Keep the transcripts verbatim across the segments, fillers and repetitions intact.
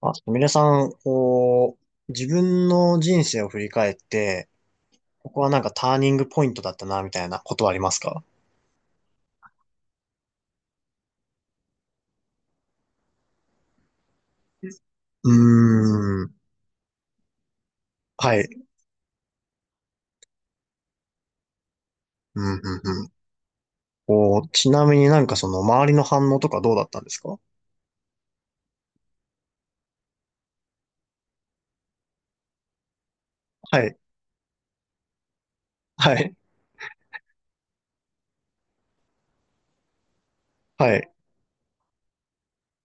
あ、すみれさん、こう、自分の人生を振り返って、ここはなんかターニングポイントだったな、みたいなことはありますか？うーん。はい。うん、うん、うん。こう、ちなみになんかその周りの反応とかどうだったんですか？はい。はい。はい。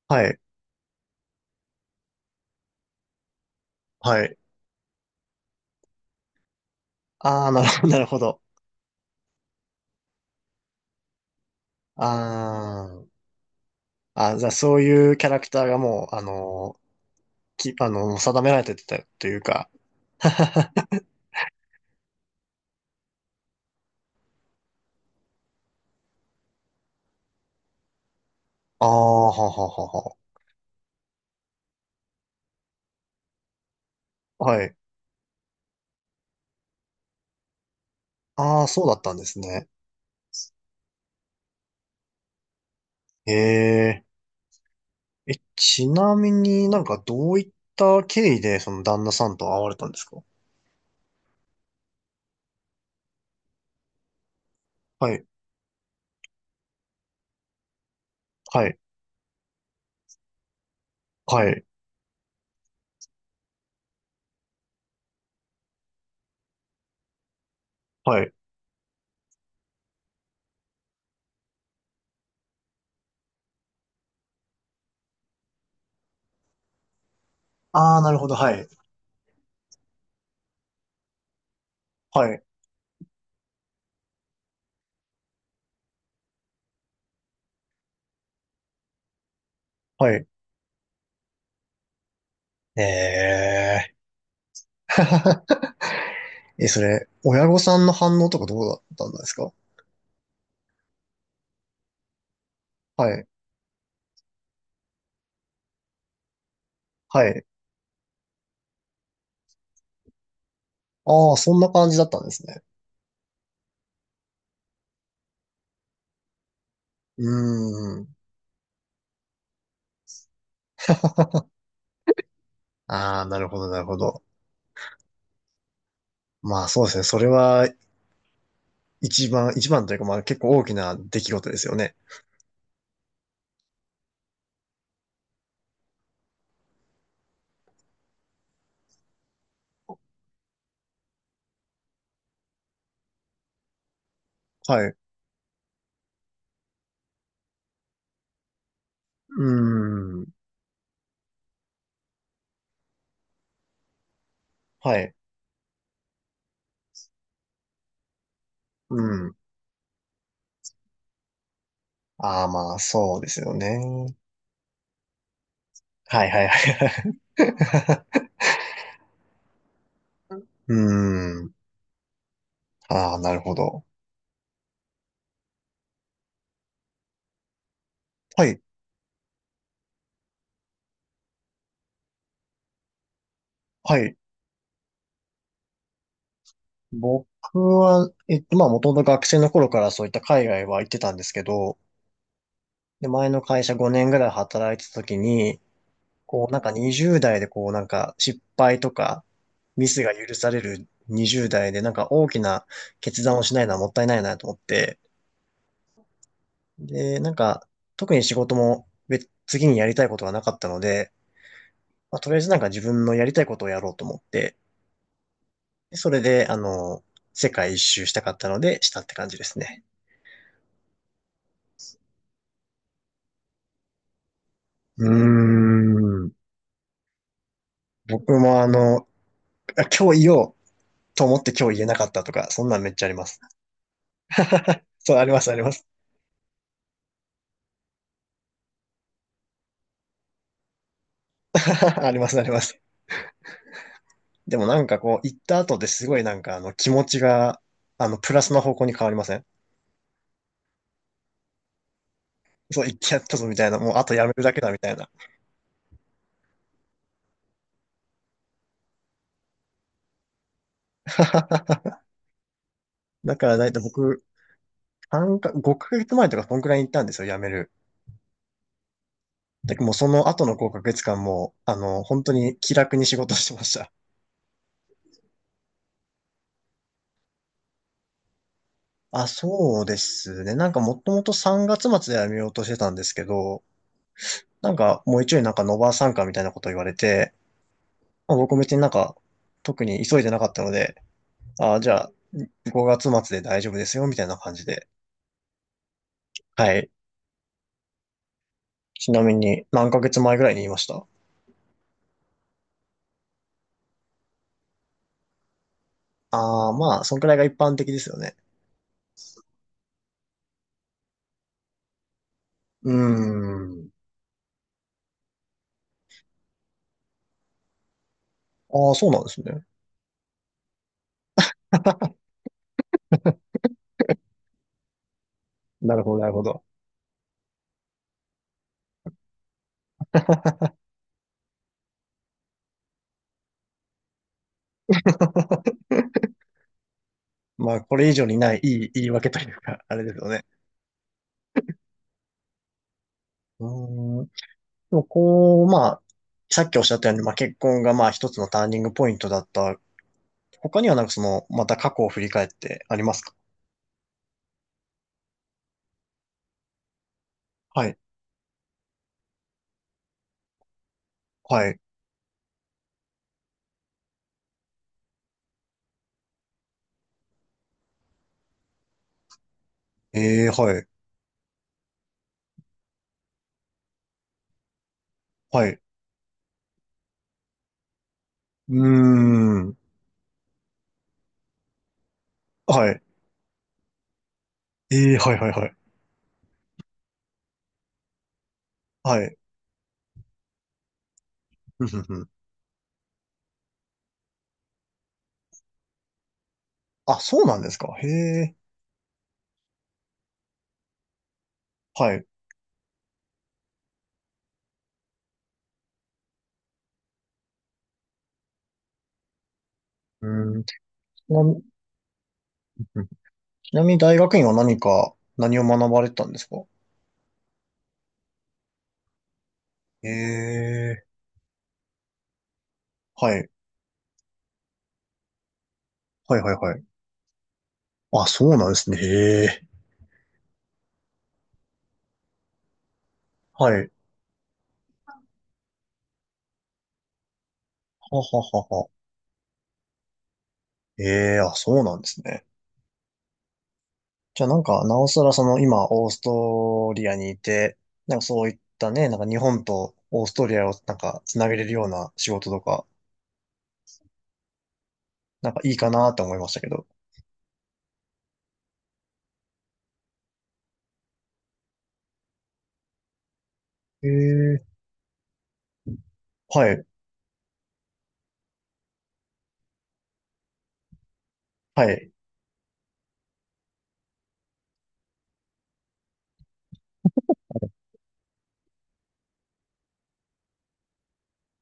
はい。はい。ああ、なるほど、なるほど。あーあ、じゃあそういうキャラクターがもう、あのーき、あの、定められてたというか。ああ、はははは。はい。ああ、そうだったんですね。ええ、え、ちなみになんかどういった経緯でその旦那さんと会われたんですか？はい、はい、はい、はい。ああ、なるほど、はい、はい、はい。ええ。え、それ、親御さんの反応とかどうだったんですか？はい、はい。ああ、そんな感じだったんですね。うーん。ああ、なるほど、なるほど。まあそうですね。それは一番、一番というかまあ結構大きな出来事ですよね。はい。うーん。はい。うん。ああ、まあ、そうですよね。はいはいはい。うーん。ああ、なるほど。はい、はい。僕は、えっと、まあ、もともと学生の頃からそういった海外は行ってたんですけど、で、前の会社ごねんぐらい働いてた時に、こう、なんかにじゅうだい代でこう、なんか失敗とか、ミスが許されるにじゅうだい代で、なんか大きな決断をしないのはもったいないなと思って、で、なんか、特に仕事も別、次にやりたいことがなかったので、まあ、とりあえずなんか自分のやりたいことをやろうと思って、それで、あの、世界一周したかったので、したって感じですね。うーん。僕もあの、あ今日言おうと思って今日言えなかったとか、そんなんめっちゃあります。そう、あります、あります。あります、あります。でもなんかこう、行った後ですごいなんかあの、気持ちが、あの、プラスの方向に変わりません？そう、行ってやったぞみたいな、もうあとやめるだけだみたいな。だからだいたい僕、さんか、ごかげつまえとかそんくらいに行ったんですよ、やめる。だもうその後のごかげつかんも、あの、本当に気楽に仕事してました。あ、そうですね。なんかもともとさんがつ末で辞めようとしてたんですけど、なんかもう一応なんかノバー参加みたいなこと言われて、まあ、僕別になんか特に急いでなかったので、あ、じゃあごがつ末で大丈夫ですよみたいな感じで。はい。ちなみに何ヶ月前ぐらいに言いました？ああまあ、そんくらいが一般的ですよね。うーん。ああ、そうなんですね。なるほど、なるほど。まあ、これ以上にない、いい言い訳というか、あれですよね。うーん。でもこう、まあ、さっきおっしゃったように、まあ、結婚がまあ一つのターニングポイントだった。他にはなんかその、また過去を振り返ってありますか？はい。はい。ええはい。はい。うーん。はい。ええはいはいはい。はい。ふんふんふん。あ、そうなんですか。へえ。はい。うーん。ちな、うん、ちなみに大学院は何か、何を学ばれてたんですか？ええはい。はいはいはい。あ、そうなんですね。へえ。はい。はははは。ええ、あ、そうなんですね。じゃあなんか、なおさらその今、オーストリアにいて、なんかそういったね、なんか日本とオーストリアをなんかつなげれるような仕事とか、なんかいいかなって思いましたけど。ええ、はい、はい、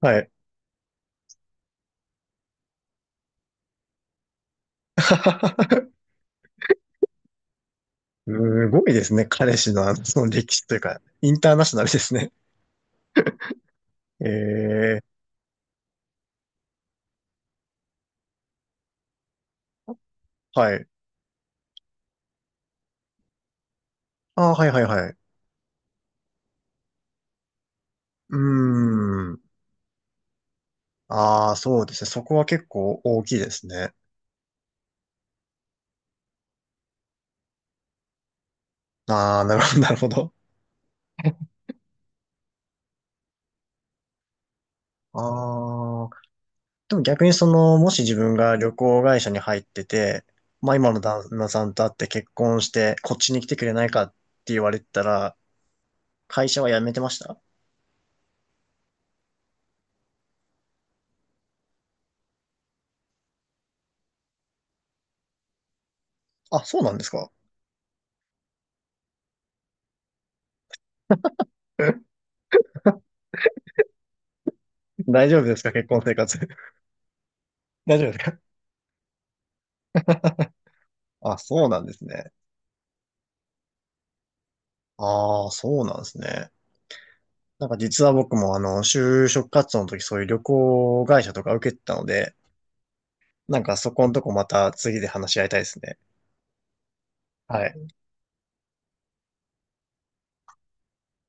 はい。すごいですね。彼氏のあの、その歴史というか、インターナショナルですね。ええ、はい。あ、はいはいはい。うーん。ああ、そうですね。そこは結構大きいですね。ああ、なるほど、なるほど。ああ、でも逆にその、もし自分が旅行会社に入ってて、まあ今の旦那さんと会って結婚して、こっちに来てくれないかって言われてたら、会社は辞めてました？あ、そうなんですか？ 大丈夫ですか、結婚生活？大丈夫ですか？あ、そうなんですね。ああ、そうなんですね。なんか実は僕もあの、就職活動の時そういう旅行会社とか受けてたので、なんかそこのとこまた次で話し合いたいですね。はい。